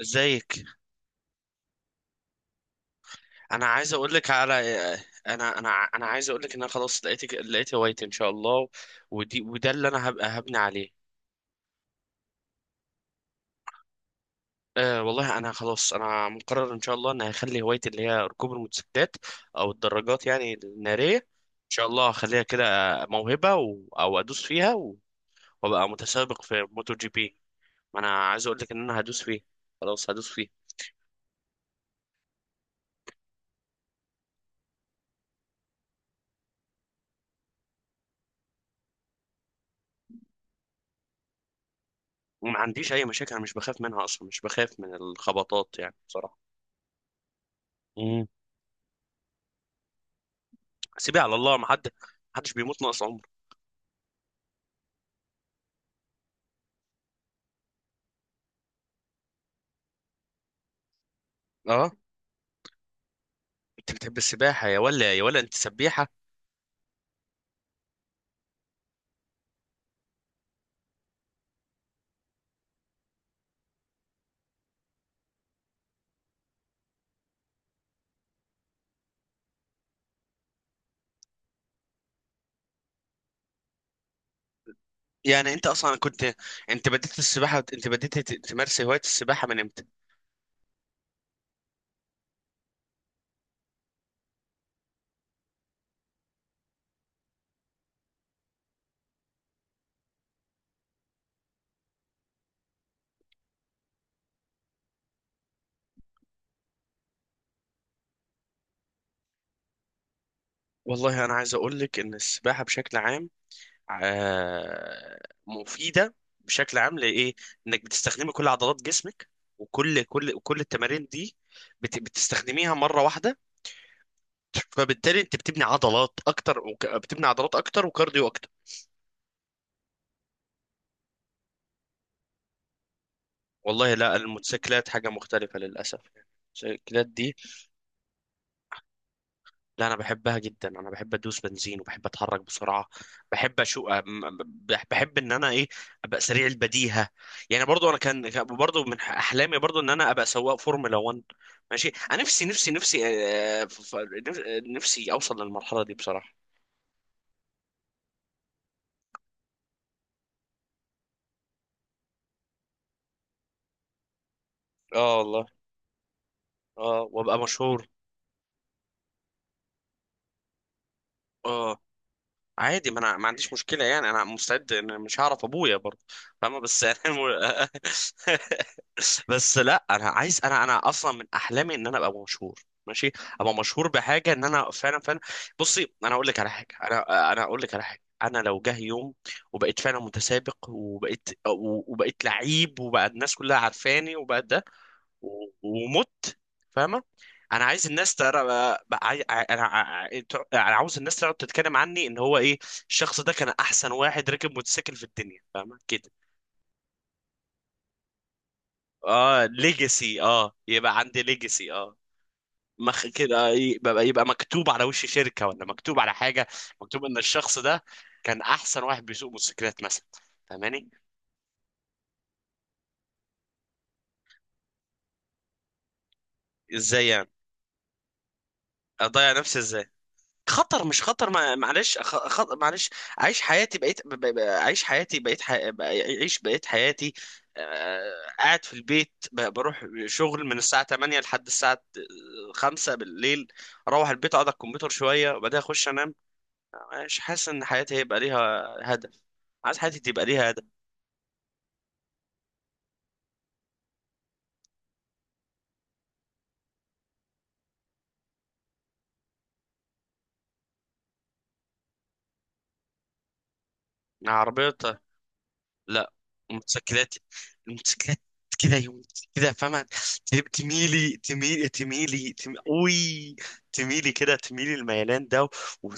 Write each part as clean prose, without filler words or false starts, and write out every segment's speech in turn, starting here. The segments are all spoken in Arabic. ازيك؟ انا عايز اقول لك على انا عايز اقول لك ان انا خلاص لقيت هوايتي ان شاء الله. وده اللي انا هبقى هبني عليه. أه والله انا خلاص، انا مقرر ان شاء الله ان هخلي هوايتي اللي هي ركوب الموتوسيكلات او الدراجات يعني الناريه، ان شاء الله هخليها كده موهبه او ادوس فيها وابقى متسابق في موتو جي بي. ما انا عايز اقول لك ان انا هدوس فيه. خلاص هدوس فيه. وما عنديش اي مشاكل، انا مش بخاف منها اصلا، مش بخاف من الخبطات يعني بصراحه. سيبيها على الله، ما حد ما حدش بيموت ناقص عمر. اه. انت بتحب السباحه يا ولا انت سبيحه؟ يعني انت اصلا كنت انت بديت السباحه، انت بديت تمارس هوايه السباحه من امتى؟ والله انا عايز اقول لك ان السباحه بشكل عام، آه مفيده بشكل عام لايه؟ انك بتستخدمي كل عضلات جسمك، وكل كل كل التمارين دي بتستخدميها مره واحده، فبالتالي انت بتبني عضلات اكتر وكارديو اكتر. والله لا، الموتوسيكلات حاجة مختلفة للأسف يعني. الموتوسيكلات دي، لا أنا بحبها جدا، أنا بحب أدوس بنزين وبحب أتحرك بسرعة. بحب أشو أم- بح- بحب إن أنا إيه، أبقى سريع البديهة. يعني برضو أنا كان برضو من أحلامي برضو إن أنا أبقى سواق فورمولا 1. ماشي، أنا نفسي نفسي نفسي. آه، ف- ف- نف- نفسي أوصل للمرحلة دي بصراحة. آه والله. آه وأبقى مشهور. آه. عادي، ما انا ما عنديش مشكله يعني، انا مستعد، انا مش هعرف ابويا برضه. فاهمه؟ بس يعني بس لا، انا عايز، انا اصلا من احلامي ان انا ابقى مشهور. ماشي. ابقى مشهور بحاجه ان انا فعلا فعلا. بصي، انا اقول لك على حاجه، انا لو جه يوم وبقيت فعلا متسابق، وبقيت لعيب، وبقى الناس كلها عارفاني، وبقى ده و- ومت فاهمه؟ انا عايز الناس ترى. بقى- عاي- انا ع- انا عاوز الناس تقعد تتكلم عني ان هو ايه، الشخص ده كان احسن واحد ركب موتوسيكل في الدنيا، فاهمه كده؟ اه، ليجاسي، اه، يبقى عندي ليجاسي، اه، مخ كده، يبقى مكتوب على وش شركه، ولا مكتوب على حاجه، مكتوب ان الشخص ده كان احسن واحد بيسوق موتوسيكلات مثلا. فاهماني؟ ازاي يعني؟ اضيع نفسي ازاي؟ خطر مش خطر، ما معلش، معلش، عيش حياتي، بقيت ب... ب... ب- عيش حياتي بقيت ح... ب- عيش بقيت حياتي. آه... قاعد في البيت، بروح شغل من الساعة 8 لحد الساعة 5 بالليل، اروح البيت اقعد على الكمبيوتر شوية وبعدين اخش انام. مش حاسس ان حياتي هيبقى ليها هدف. عايز حياتي تبقى ليها هدف. عربية؟ لا. موتوسيكلات، الموتوسيكلات كده يوم كده، فاهمة؟ اوي، تميلي كده، تميلي الميلان ده،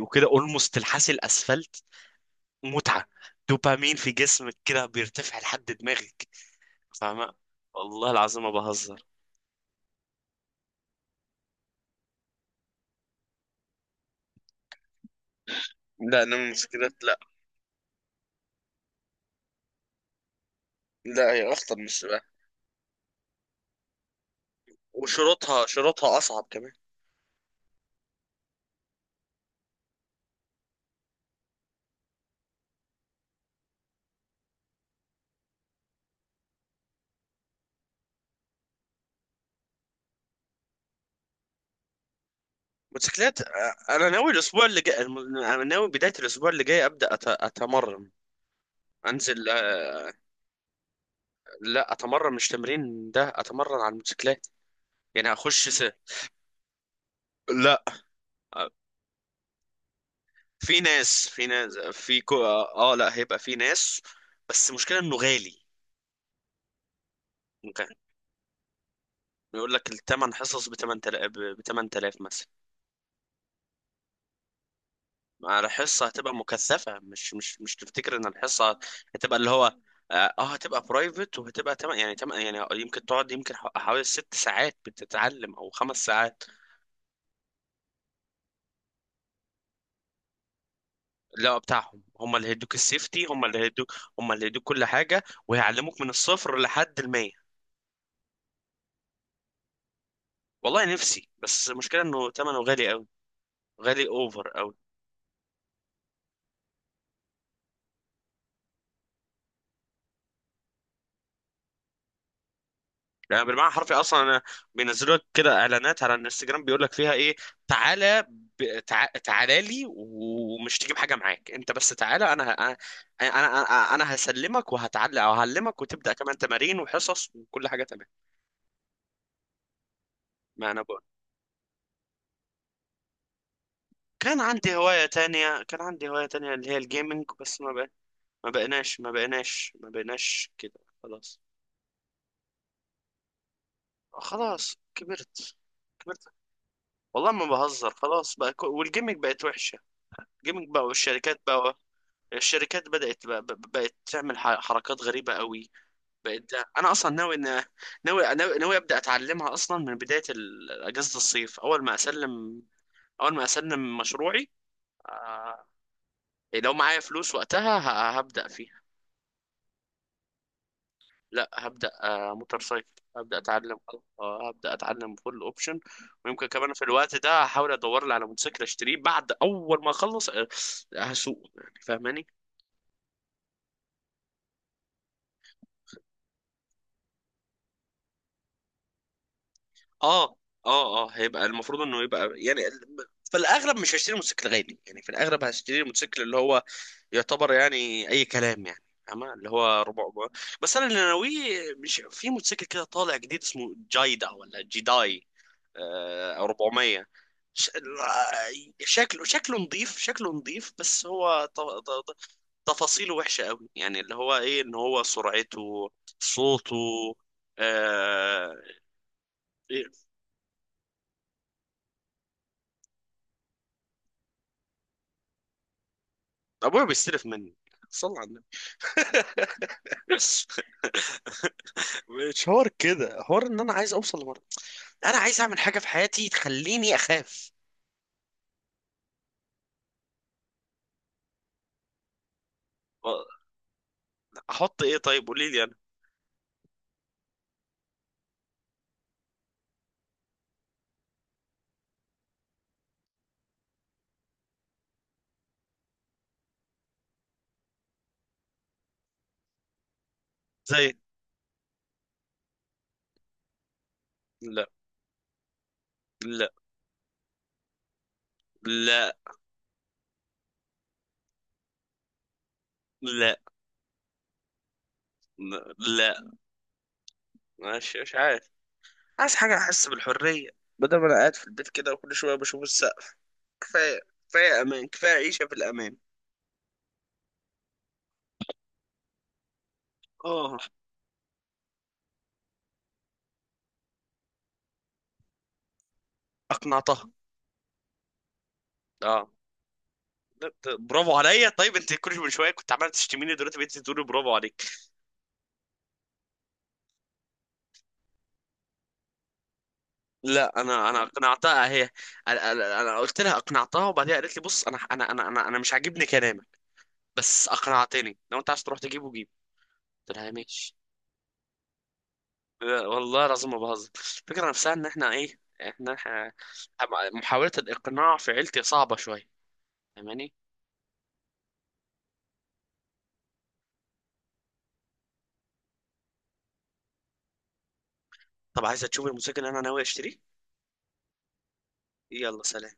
وكده اولموست تلحسي الاسفلت. متعة. دوبامين في جسمك كده بيرتفع لحد دماغك، فاهمة؟ والله العظيم ما بهزر. لا، انا الموتوسيكلات. لا، لا هي اخطر من السباحة. وشروطها اصعب كمان. موتوسيكلات. آه، انا ناوي الاسبوع اللي جاي، الم- انا ناوي بداية الاسبوع اللي جاي ابدا اتمرن. انزل. لا اتمرن، مش تمرين ده، اتمرن على الموتوسيكلات يعني، لا. آه، في ناس في ناس في كو... اه آه، لا هيبقى في ناس. بس المشكله انه غالي. ممكن يقول لك الثمن حصص ب 8000، ب 8000 مثلا، على حصه. هتبقى مكثفه، مش تفتكر ان الحصه هتبقى اللي هو، هتبقى برايفت، وهتبقى تم... يعني تم... يعني يمكن تقعد يمكن حوالي ست ساعات بتتعلم، او خمس ساعات. لا بتاعهم، هم اللي هيدوك السيفتي، هم اللي هيدوك هم اللي هيدوك كل حاجة، وهيعلموك من الصفر لحد المية. والله نفسي، بس المشكلة انه ثمنه غالي قوي، غالي اوفر قوي. يعني بالمعنى الحرفي اصلا انا، بينزلوا لك كده اعلانات على الانستجرام بيقول لك فيها ايه، تعالى، تعالى لي، ومش تجيب حاجة معاك، انت بس تعالى، انا ه... انا انا انا أنا هسلمك وهتعلق، او هعلمك، وتبدأ كمان تمارين وحصص وكل حاجة تمام. ما انا بقول. كان عندي هواية تانية اللي هي الجيمنج، بس ما ما بقيناش كده خلاص. خلاص كبرت. كبرت. والله ما بهزر، خلاص بقى، والجيمنج بقت وحشة. الجيمنج بقى والشركات بقى، الشركات بدأت بقى بقت تعمل حركات غريبة قوي. بقت. انا اصلا ناوي ان، ناوي ابدأ اتعلمها اصلا من بداية اجازة الصيف، اول ما اسلم، اول ما اسلم مشروعي آه، لو معايا فلوس وقتها هبدأ فيه. لا هبدأ، آه، موتور سايكل، هبدأ اتعلم. آه، هبدأ اتعلم فول اوبشن، ويمكن كمان في الوقت ده هحاول ادور لي على موتوسيكل اشتريه، بعد اول ما اخلص آه، هسوق يعني، فاهماني؟ اه اه هيبقى المفروض انه يبقى يعني في الاغلب مش هشتري موتوسيكل غالي يعني، في الاغلب هشتري موتوسيكل اللي هو يعتبر يعني اي كلام يعني، فاهمة؟ اللي هو ربع. بس انا اللي ناويه، مش في موتوسيكل كده طالع جديد، اسمه جايدا ولا جيداي، او 400. ش- شكله، شكله نظيف، شكله نظيف، بس هو تفاصيله وحشة قوي يعني، اللي هو ايه، ان هو سرعته، صوته، آه. إيه، ابويا بيستلف مني؟ صلى على النبي. مش حوار كده، حوار ان انا عايز اوصل لمرة، انا عايز اعمل حاجة في حياتي تخليني اخاف. احط ايه؟ طيب قولي لي انا. زي؟ لا، لا، لا، لا، لا. ماشي، مش عارف. عايز حاجة أحس بالحرية، بدل ما أنا قاعد في البيت كده وكل شوية بشوف السقف. كفاية. كفاية أمان، كفاية عيشة في الأمان. آه. أقنعتها. آه. لا، برافو عليا؟ طيب انت كل من شويه كنت عمال تشتميني، دلوقتي بقيت تقولي برافو عليك. لا انا اقنعتها هي. أنا قلت لها، اقنعتها. وبعدين قالت لي، بص، أنا مش عاجبني كلامك، بس اقنعتني، لو انت عايز تروح تجيبه جيب. قلت لها ماشي. لا، والله العظيم ما بهزر، الفكره نفسها ان احنا ايه، محاوله الاقناع في عيلتي صعبه شويه، فاهماني؟ طب عايزه تشوفي الموتوسيكل اللي انا ناوي اشتريه؟ يلا سلام.